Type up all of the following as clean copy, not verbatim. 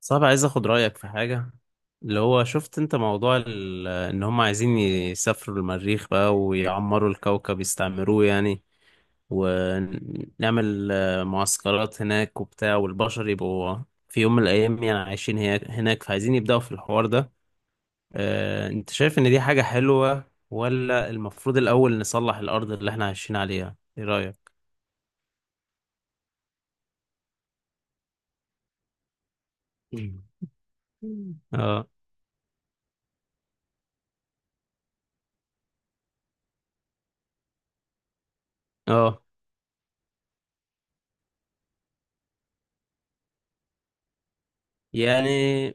صعب، عايز اخد رأيك في حاجة. اللي هو شفت انت موضوع ان هم عايزين يسافروا المريخ بقى، ويعمروا الكوكب يستعمروه يعني. ونعمل معسكرات هناك وبتاع، والبشر يبقوا في يوم من الايام يعني عايشين هناك. فعايزين يبدأوا في الحوار ده. انت شايف ان دي حاجة حلوة، ولا المفروض الاول نصلح الارض اللي احنا عايشين عليها؟ ايه رأيك؟ اه، اه. يعني،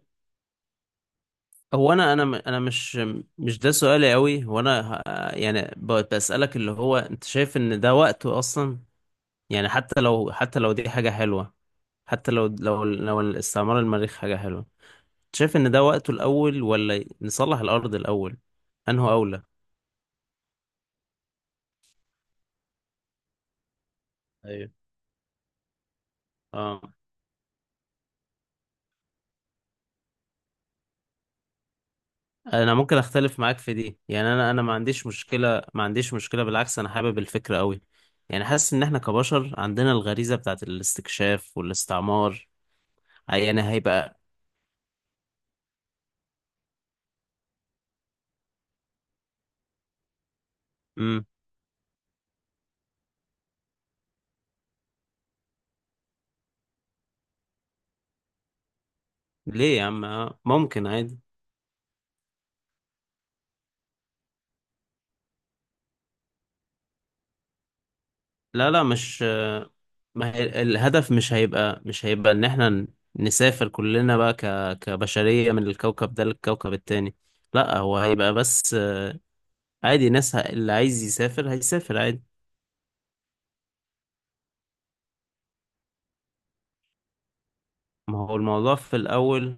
هو انا انا مش ده سؤالي قوي. هو انا يعني بسألك اللي هو انت شايف ان ده وقته اصلا؟ يعني حتى لو دي حاجة حلوة، حتى لو الاستعمار المريخ حاجة حلوة، انت شايف ان ده وقته الاول، ولا نصلح الارض الاول، انه اولى؟ ايوه. اه، انا ممكن اختلف معاك في دي. يعني انا ما عنديش مشكله، ما عنديش مشكله، بالعكس انا حابب الفكره قوي. يعني حاسس ان احنا كبشر عندنا الغريزه بتاعت الاستكشاف والاستعمار، يعني هيبقى. مم. ليه يا عم؟ ممكن عادي. لا، لا، مش. ما هي الهدف مش هيبقى ان احنا نسافر كلنا بقى كبشرية من الكوكب ده للكوكب التاني. لا، هو هيبقى، بس عادي. ناس اللي عايز يسافر هيسافر عادي. ما هو الموضوع في الاول،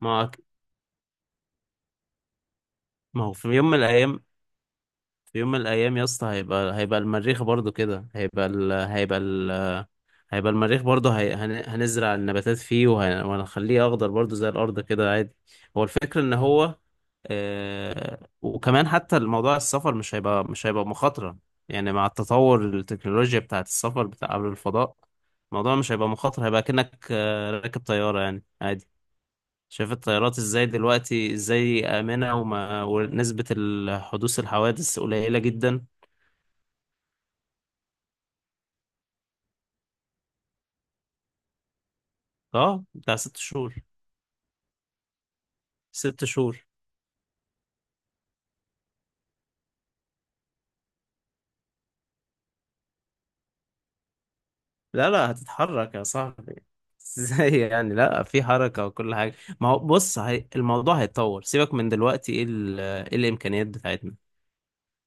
ما هو- ما هو في يوم من الايام. في يوم من الايام يا اسطى، هيبقى المريخ برضو كده، هيبقى المريخ برضه هنزرع النباتات فيه، وهنخليه أخضر برضه زي الأرض كده عادي. هو الفكرة إن هو. وكمان حتى الموضوع السفر مش هيبقى مخاطرة. يعني مع التطور التكنولوجيا بتاعة السفر بتاع قبل الفضاء، الموضوع مش هيبقى مخاطرة، هيبقى كأنك راكب طيارة، يعني عادي. شايف الطيارات ازاي دلوقتي، ازاي آمنة، ونسبة حدوث الحوادث قليلة جدا. اه، بتاع 6 شهور. 6 شهور. لا، لا، هتتحرك يا صاحبي. ازاي يعني؟ لا، في حركة وكل حاجة. ما هو بص، الموضوع هيتطور. سيبك من دلوقتي، ايه إيه الامكانيات بتاعتنا؟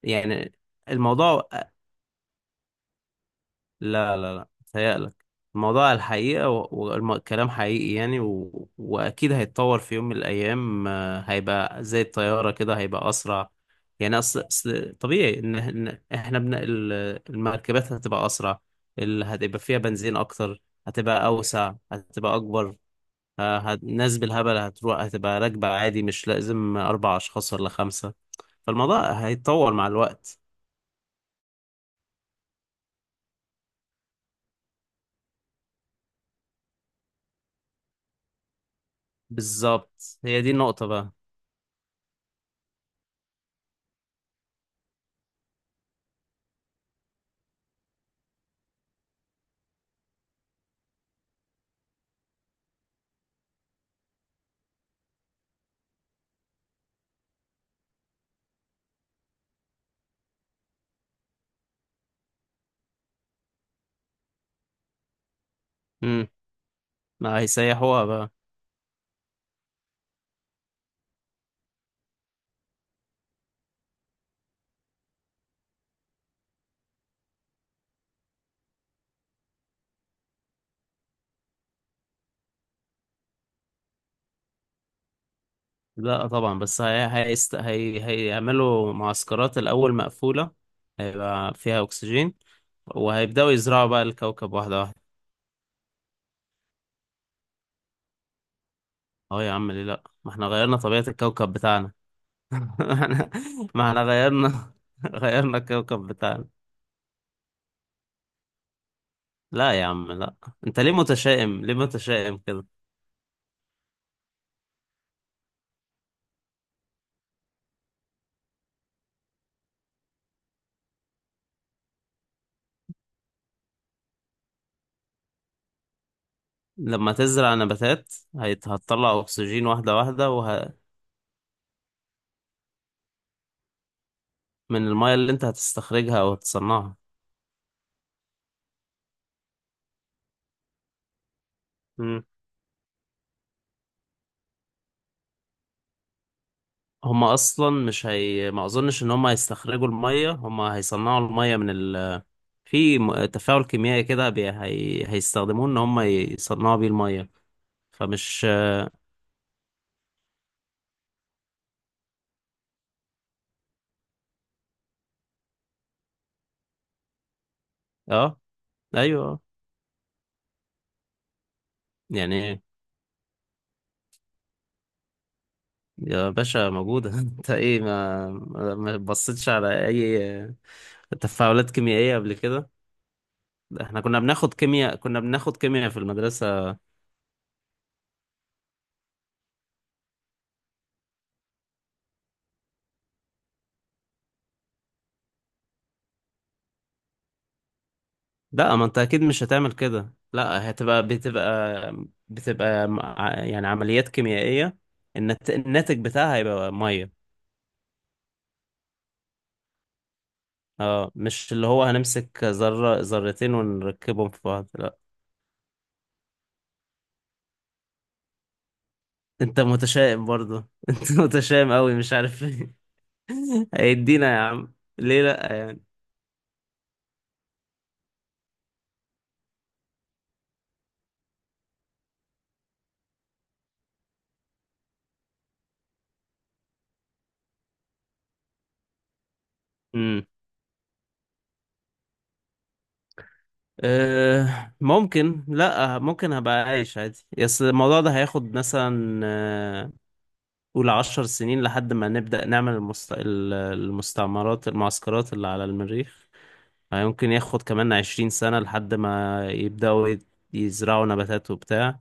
يعني الموضوع، لا، لا، لا، تهيألك. الموضوع الحقيقة، والكلام حقيقي يعني، وأكيد هيتطور في يوم من الأيام. هيبقى زي الطيارة كده، هيبقى أسرع. يعني أصل طبيعي إن إحنا المركبات هتبقى أسرع، اللي هتبقى فيها بنزين أكتر، هتبقى أوسع، هتبقى أكبر. الناس بالهبل هتروح، هتبقى راكبة عادي، مش لازم 4 أشخاص ولا خمسة. فالموضوع هيتطور مع الوقت. بالظبط، هي دي النقطة بقى. ما هيسيحوها بقى. لا طبعا، بس هيعملوا معسكرات الأول مقفولة، هيبقى فيها أكسجين، وهيبدأوا يزرعوا بقى الكوكب واحدة واحدة. اه يا عم، ليه لأ؟ ما احنا غيرنا طبيعة الكوكب بتاعنا. ما احنا ما احنا غيرنا. غيرنا الكوكب بتاعنا. لا يا عم، لا. انت ليه متشائم؟ ليه متشائم كده؟ لما تزرع نباتات هتطلع أكسجين، واحدة واحدة، من المية اللي انت هتستخرجها أو هتصنعها. هما اصلا مش هي ما اظنش ان هما هيستخرجوا الميه، هما هيصنعوا الميه في تفاعل كيميائي كده، هيستخدموه ان هما يصنعوا بيه الميه، فمش. اه، ايوه، آه. يعني إيه؟ يا باشا موجوده. انت ايه، ما بصيتش على اي تفاعلات كيميائيه قبل كده؟ احنا كنا بناخد كيمياء، كنا بناخد كيمياء في المدرسه. لا، ما انت اكيد مش هتعمل كده، لا هتبقى، بتبقى يعني عمليات كيميائية، الناتج بتاعها هيبقى مية. اه، مش اللي هو هنمسك ذرة ذرتين ونركبهم في بعض، لا. انت متشائم برضه. انت متشائم قوي، مش عارف ايه. هيدينا يا عم، ليه لا يعني؟ امم. أه، ممكن، لا، ممكن هبقى عايش عادي، بس الموضوع ده هياخد مثلا، قول 10 سنين لحد ما نبدأ نعمل المستعمرات المعسكرات اللي على المريخ. يمكن ياخد كمان 20 سنة لحد ما يبدأوا يزرعوا نباتات وبتاع.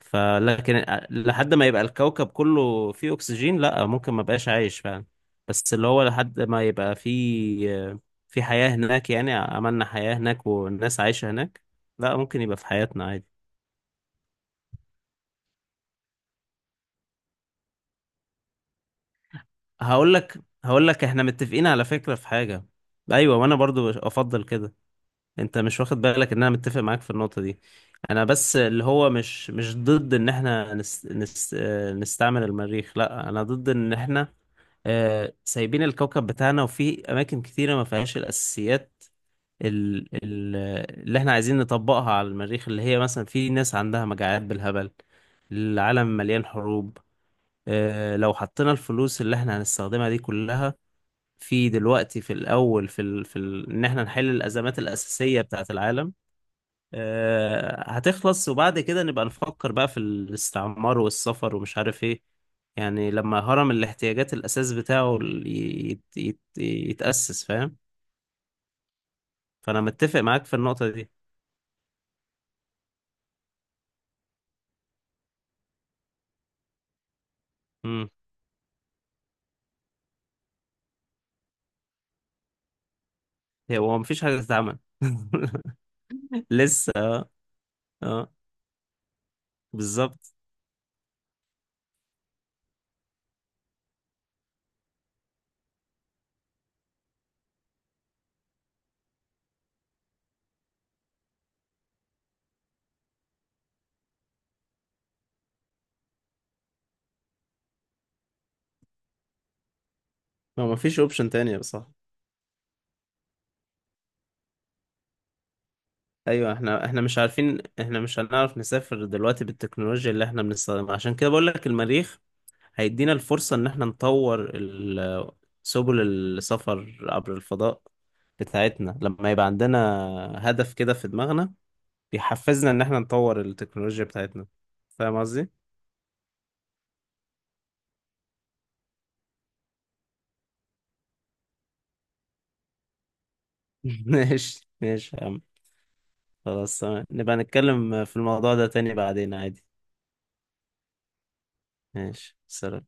فلكن لحد ما يبقى الكوكب كله فيه أكسجين، لأ ممكن ما بقاش عايش فعلا. بس اللي هو لحد ما يبقى فيه في حياة هناك، يعني عملنا حياة هناك والناس عايشة هناك، لأ ممكن يبقى في حياتنا عادي. هقول لك، احنا متفقين على فكرة في حاجة. ايوه، وانا برضو افضل كده. انت مش واخد بالك ان انا متفق معاك في النقطة دي. انا بس اللي هو مش ضد ان احنا نس نس آه، نستعمل المريخ. لا انا ضد ان احنا سايبين الكوكب بتاعنا، وفي اماكن كتيرة ما فيهاش الاساسيات ال ال اللي احنا عايزين نطبقها على المريخ. اللي هي مثلا في ناس عندها مجاعات بالهبل، العالم مليان حروب. لو حطينا الفلوس اللي احنا هنستخدمها دي كلها في دلوقتي، في الاول، في ال في ال ان احنا نحل الازمات الاساسية بتاعت العالم، هتخلص، وبعد كده نبقى نفكر بقى في الاستعمار والسفر ومش عارف ايه. يعني لما هرم الاحتياجات الأساس بتاعه ال- يت يت يتأسس، فاهم؟ فأنا متفق معاك في النقطة دي. امم. هو مفيش حاجة تتعمل. لسه. اه. اه، بالظبط. هو مفيش اوبشن تانية، صح؟ ايوه. احنا مش عارفين، احنا مش هنعرف نسافر دلوقتي بالتكنولوجيا اللي احنا بنستخدمها، عشان كده بقول لك المريخ هيدينا الفرصة إن إحنا نطور سبل السفر عبر الفضاء بتاعتنا، لما يبقى عندنا هدف كده في دماغنا، بيحفزنا إن إحنا نطور التكنولوجيا بتاعتنا. فاهم قصدي؟ ماشي، ماشي يا عم. خلاص، تمام. نبقى نتكلم في الموضوع ده تاني بعدين عادي. ماشي، سلام.